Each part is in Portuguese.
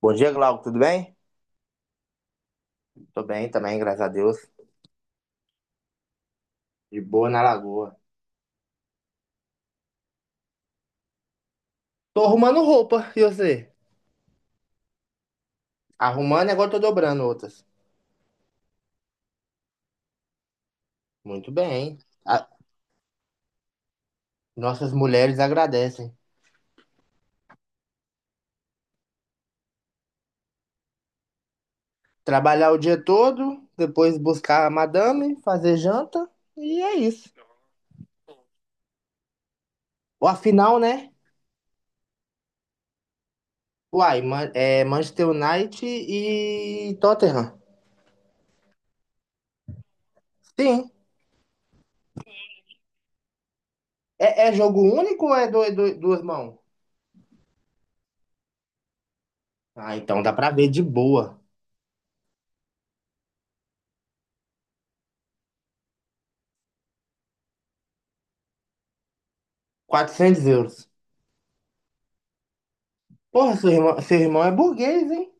Bom dia, Glauco, tudo bem? Tô bem também, graças a Deus. De boa na lagoa. Tô arrumando roupa, e você? Arrumando e agora tô dobrando outras. Muito bem. A- Nossas mulheres agradecem. Trabalhar o dia todo, depois buscar a madame, fazer janta, e é isso. Ou afinal, né? Uai, é Manchester United e Tottenham. Sim. É, é jogo único ou é duas mãos? Ah, então dá pra ver de boa. 400 euros. Porra, seu irmão é burguês, hein?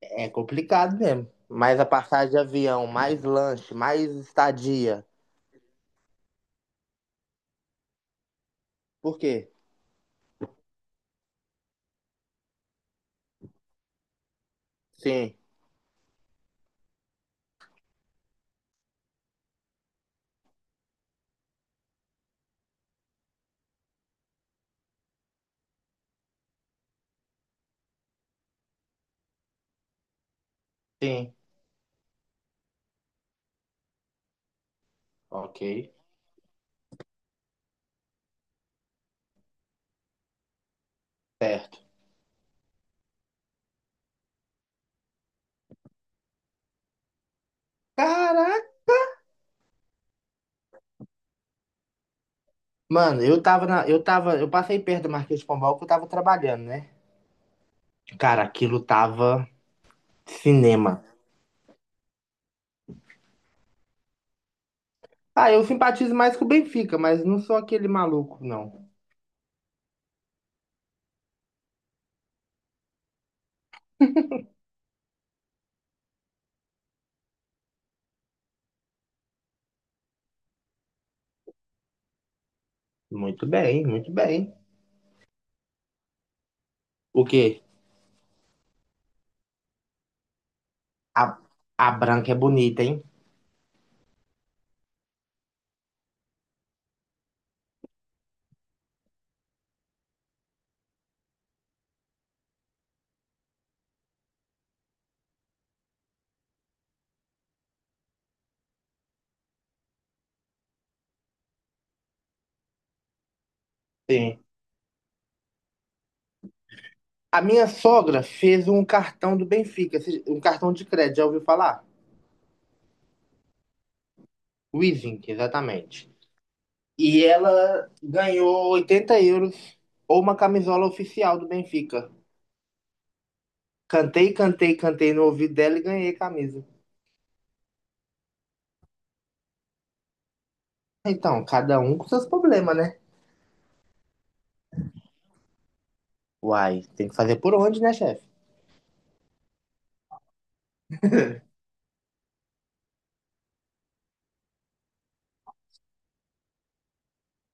É complicado mesmo. Mais a passagem de avião, mais lanche, mais estadia. Por quê? Sim, sim. Ok, certo. Caraca! Mano, eu tava na. Eu tava. Eu passei perto do Marquês de Pombal que eu tava trabalhando, né? Cara, aquilo tava cinema. Ah, eu simpatizo mais com o Benfica, mas não sou aquele maluco, não. Muito bem, muito bem. O quê? A, a branca é bonita, hein? Sim. A minha sogra fez um cartão do Benfica, um cartão de crédito, já ouviu falar? Wizink, exatamente. E ela ganhou 80 euros ou uma camisola oficial do Benfica. Cantei, cantei, cantei no ouvido dela e ganhei a camisa. Então, cada um com seus problemas, né? Uai, tem que fazer por onde, né, chefe?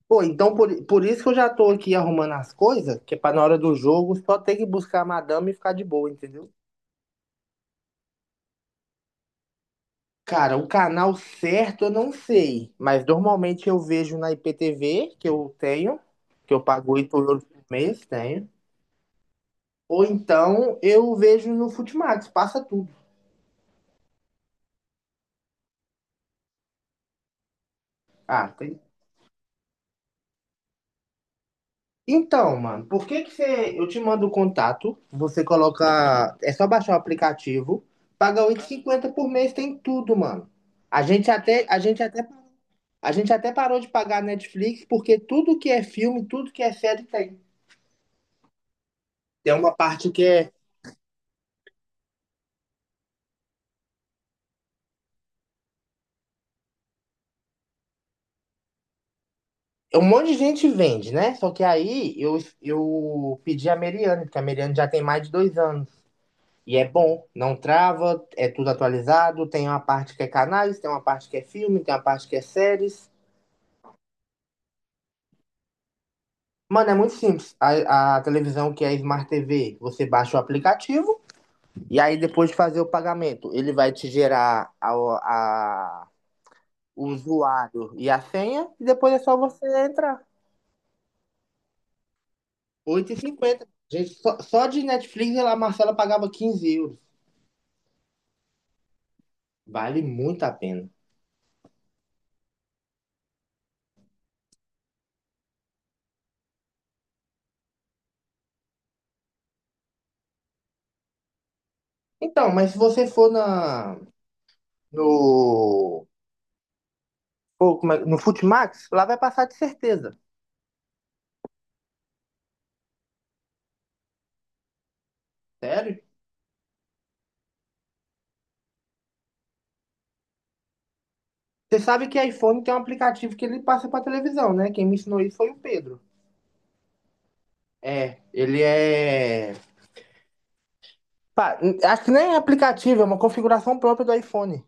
Pô, então por isso que eu já tô aqui arrumando as coisas, que é pra na hora do jogo só ter que buscar a madame e ficar de boa, entendeu? Cara, o canal certo eu não sei, mas normalmente eu vejo na IPTV, que eu tenho, que eu pago 8 euros por mês, tenho. Ou então eu vejo no Futimax, passa tudo. Ah, tem. Então, mano, por que que você. Eu te mando o contato, você coloca. É só baixar o aplicativo, paga 8,50 por mês, tem tudo, mano. A gente até, a gente até, a gente até parou de pagar Netflix, porque tudo que é filme, tudo que é série tem. Tem uma parte que é. É Um monte de gente vende, né? Só que aí eu pedi a Meriane, porque a Meriane já tem mais de 2 anos. E é bom, não trava, é tudo atualizado. Tem uma parte que é canais, tem uma parte que é filme, tem uma parte que é séries. Mano, é muito simples. A televisão que é Smart TV, você baixa o aplicativo e aí depois de fazer o pagamento, ele vai te gerar a- o usuário e a senha e depois é só você entrar. 8,50. Gente, só de Netflix a Marcela pagava 15 euros. Vale muito a pena. Então, mas se você for na, no no Futimax, lá vai passar de certeza. Sério? Você sabe que iPhone tem um aplicativo que ele passa pra televisão, né? Quem me ensinou isso foi o Pedro. É, ele é. Pá, acho que nem é aplicativo, é uma configuração própria do iPhone.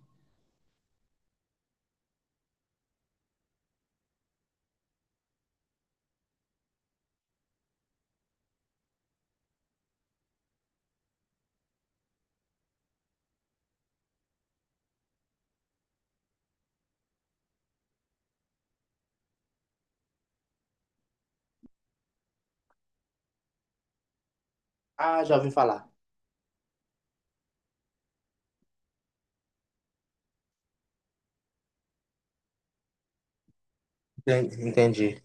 Ah, já ouvi falar. Entendi. Entendi.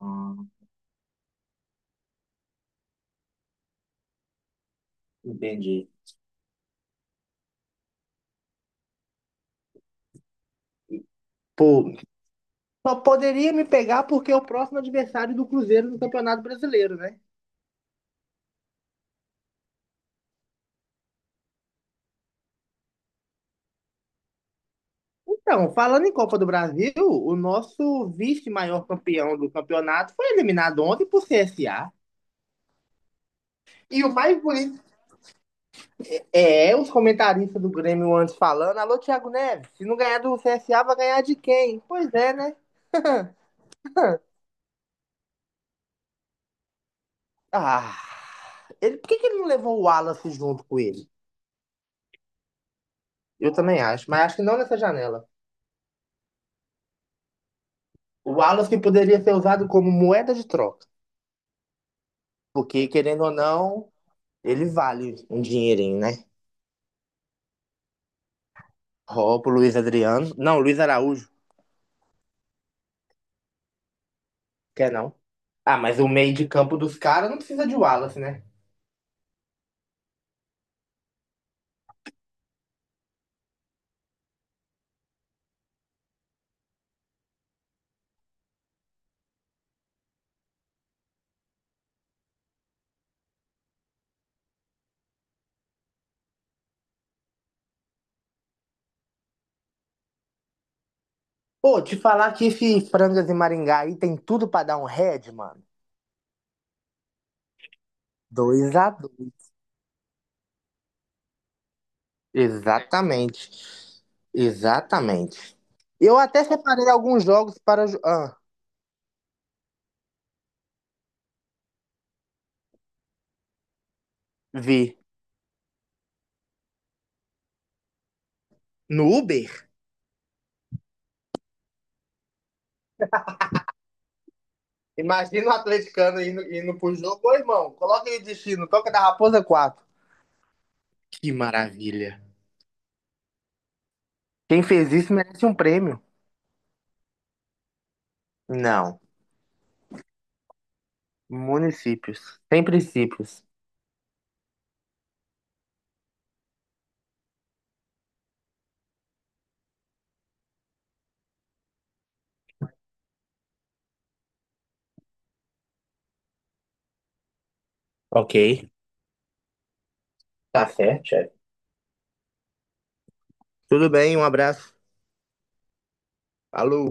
Ah, entendi. Pô, só poderia me pegar porque é o próximo adversário do Cruzeiro no Campeonato Brasileiro, né? Então, falando em Copa do Brasil, o nosso vice-maior campeão do campeonato foi eliminado ontem por CSA. E o mais bonito é os comentaristas do Grêmio antes falando: alô, Thiago Neves, se não ganhar do CSA, vai ganhar de quem? Pois é, né? Ah, ele, que ele não levou o Wallace junto com ele? Eu também acho, mas acho que não nessa janela. O Wallace poderia ser usado como moeda de troca, porque querendo ou não, ele vale um dinheirinho, né? Ó, pro Luiz Adriano. Não, Luiz Araújo, quer não. Ah, mas o meio de campo dos caras não precisa de Wallace, né? Pô, te falar que esse Frangas e Maringá aí tem tudo pra dar um head, mano. Dois a dois. Exatamente. Exatamente. Eu até separei alguns jogos para vi no Uber. Imagina o atleticano indo, indo pro jogo. Ô, irmão, coloca aí destino, toca da Raposa quatro. Que maravilha. Quem fez isso merece um prêmio. Não. Municípios. Sem princípios. Ok. Tá certo, chefe. Tudo bem, um abraço. Alô.